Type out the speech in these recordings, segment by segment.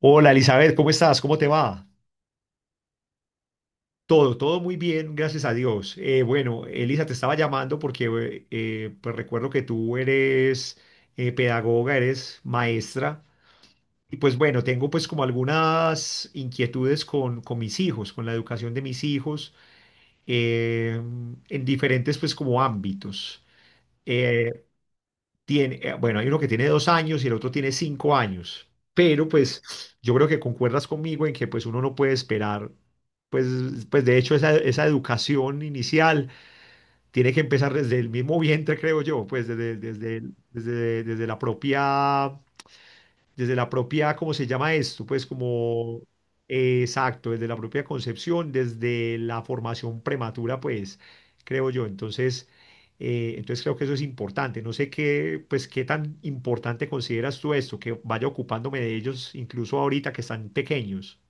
Hola Elizabeth, ¿cómo estás? ¿Cómo te va? Todo muy bien, gracias a Dios. Bueno, Elisa, te estaba llamando porque pues recuerdo que tú eres pedagoga, eres maestra. Y pues bueno, tengo pues como algunas inquietudes con mis hijos, con la educación de mis hijos eh, en diferentes pues como ámbitos. Eh, bueno, hay uno que tiene dos años y el otro tiene cinco años, pero pues yo creo que concuerdas conmigo en que pues uno no puede esperar, pues, pues de hecho esa educación inicial tiene que empezar desde el mismo vientre, creo yo, pues desde la propia, desde la propia, ¿cómo se llama esto? Pues como, exacto, desde la propia concepción, desde la formación prematura, pues, creo yo. Entonces, creo que eso es importante. No sé qué, pues, qué tan importante consideras tú esto, que vaya ocupándome de ellos incluso ahorita que están pequeños.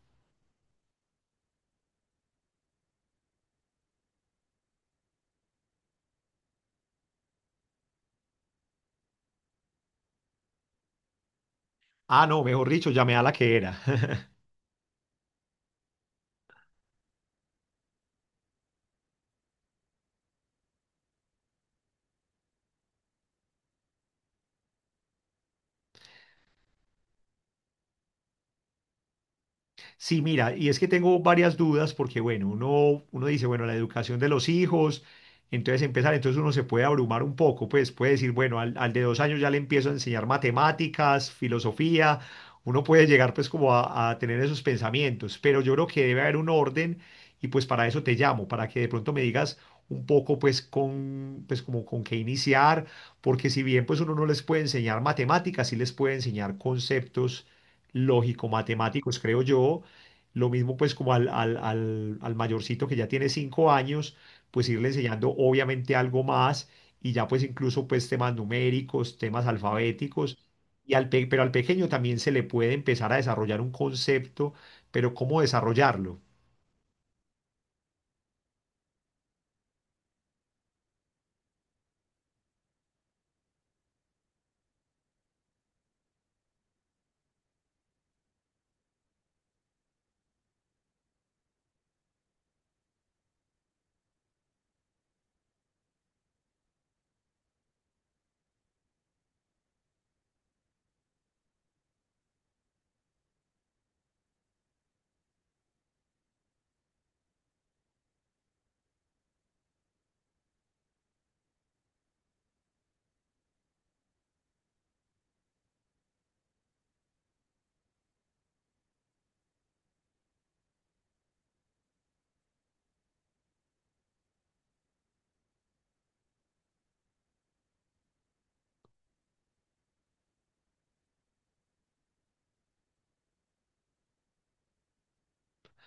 Ah, no, mejor dicho, llamé a la que era. Sí, mira, y es que tengo varias dudas porque, bueno, uno dice, bueno, la educación de los hijos, entonces empezar, entonces uno se puede abrumar un poco, pues puede decir, bueno, al de dos años ya le empiezo a enseñar matemáticas, filosofía, uno puede llegar pues como a tener esos pensamientos, pero yo creo que debe haber un orden y pues para eso te llamo, para que de pronto me digas un poco pues con, pues como con qué iniciar, porque si bien pues uno no les puede enseñar matemáticas, sí les puede enseñar conceptos lógico-matemáticos, creo yo. Lo mismo pues como al mayorcito que ya tiene cinco años, pues irle enseñando obviamente algo más y ya pues incluso pues temas numéricos, temas alfabéticos. Y pero al pequeño también se le puede empezar a desarrollar un concepto, pero ¿cómo desarrollarlo?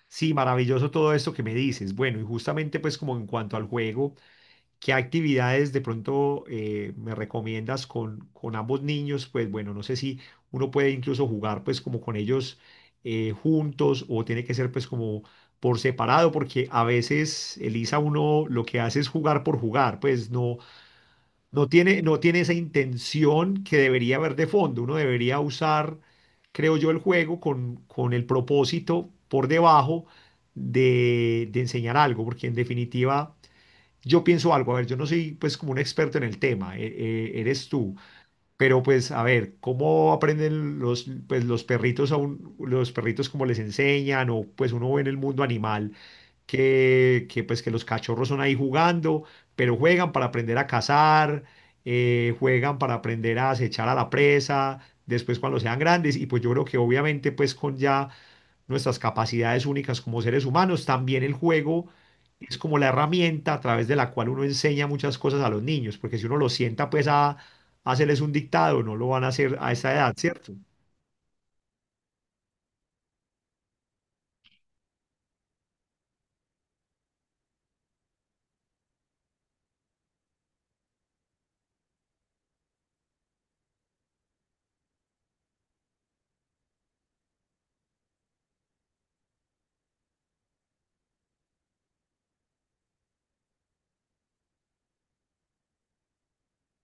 Sí, maravilloso todo esto que me dices. Bueno, y justamente pues como en cuanto al juego. ¿Qué actividades de pronto me recomiendas con ambos niños? Pues bueno, no sé si uno puede incluso jugar pues como con ellos juntos o tiene que ser pues como por separado, porque a veces Elisa uno lo que hace es jugar por jugar, pues no, no tiene esa intención que debería haber de fondo. Uno debería usar, creo yo, el juego con el propósito por debajo de enseñar algo, porque en definitiva yo pienso algo, a ver, yo no soy pues como un experto en el tema, eres tú, pero pues a ver, ¿cómo aprenden los, pues, los perritos como les enseñan? O pues uno ve en el mundo animal que pues que los cachorros son ahí jugando, pero juegan para aprender a cazar, juegan para aprender a acechar a la presa, después cuando sean grandes. Y pues yo creo que obviamente pues con ya nuestras capacidades únicas como seres humanos, también el juego es como la herramienta a través de la cual uno enseña muchas cosas a los niños, porque si uno los sienta pues a hacerles un dictado, no lo van a hacer a esa edad, ¿cierto?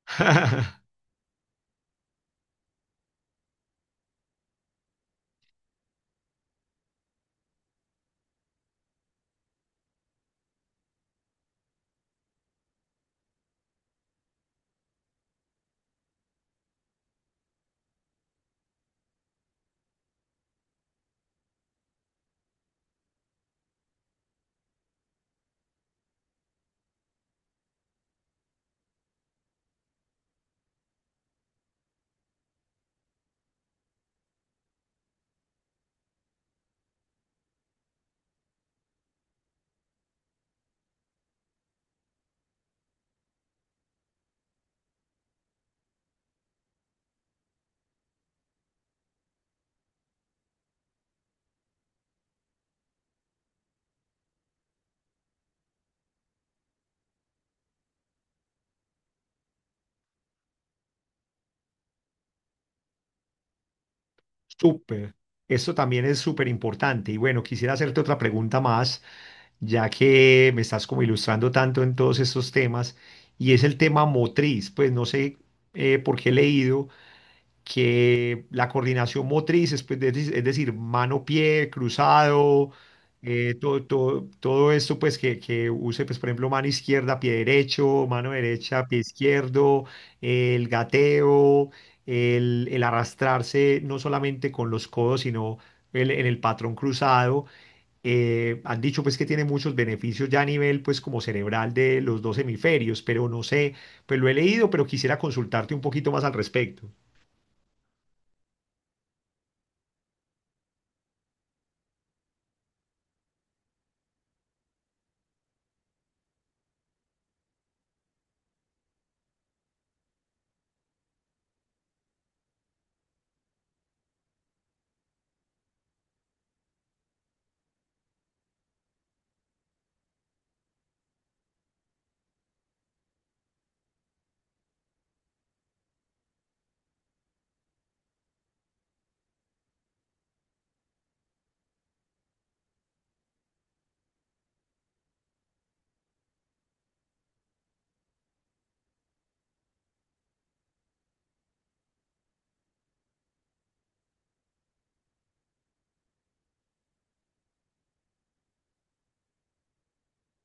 Súper. Esto también es súper importante. Y bueno, quisiera hacerte otra pregunta más, ya que me estás como ilustrando tanto en todos estos temas, y es el tema motriz. Pues no sé por qué he leído que la coordinación motriz es, pues, de- es decir, mano-pie, cruzado, eh, todo esto pues que use, pues, por ejemplo, mano izquierda, pie derecho, mano derecha, pie izquierdo, el gateo, el arrastrarse no solamente con los codos, sino en el patrón cruzado. Han dicho pues que tiene muchos beneficios ya a nivel pues como cerebral de los dos hemisferios, pero no sé, pues lo he leído, pero quisiera consultarte un poquito más al respecto.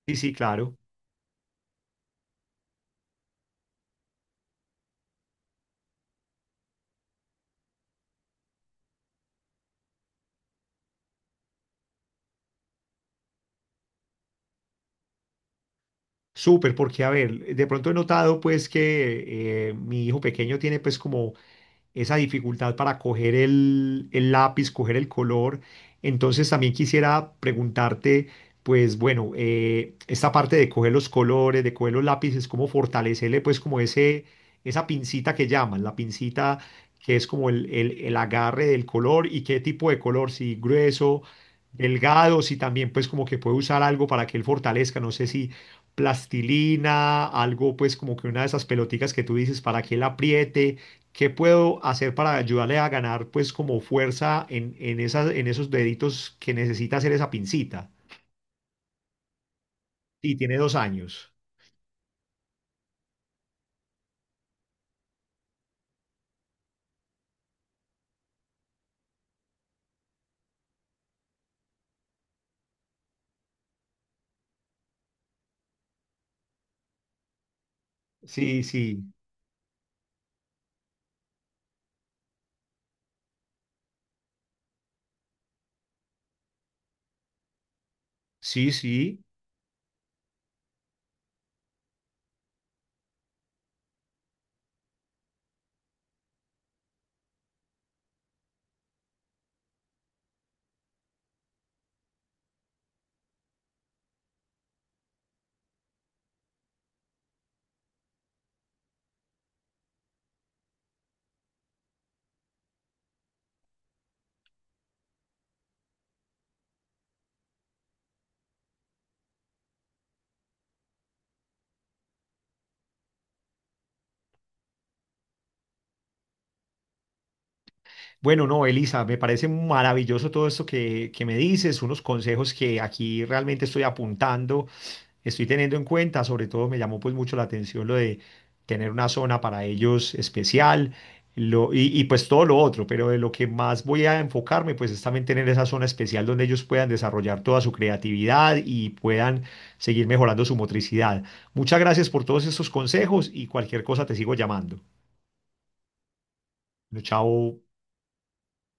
Sí, sí, claro. Súper, porque a ver, de pronto he notado pues que mi hijo pequeño tiene pues como esa dificultad para coger el lápiz, coger el color. Entonces también quisiera preguntarte, pues bueno, esta parte de coger los colores, de coger los lápices, cómo fortalecerle pues como ese, esa pincita que llaman, la pincita que es como el agarre del color. ¿Y qué tipo de color, si grueso, delgado, si también pues como que puede usar algo para que él fortalezca, no sé si plastilina, algo pues como que una de esas pelotitas que tú dices para que él apriete? ¿Qué puedo hacer para ayudarle a ganar, pues, como fuerza en esas, en esos deditos que necesita hacer esa pincita? Sí, tiene dos años. Sí, sí, sí, sí. Bueno, no, Elisa, me parece maravilloso todo esto que me dices, unos consejos que aquí realmente estoy apuntando, estoy teniendo en cuenta. Sobre todo me llamó pues mucho la atención lo de tener una zona para ellos especial, lo, y pues todo lo otro, pero de lo que más voy a enfocarme pues es también tener esa zona especial donde ellos puedan desarrollar toda su creatividad y puedan seguir mejorando su motricidad. Muchas gracias por todos estos consejos y cualquier cosa te sigo llamando. Bueno, chao.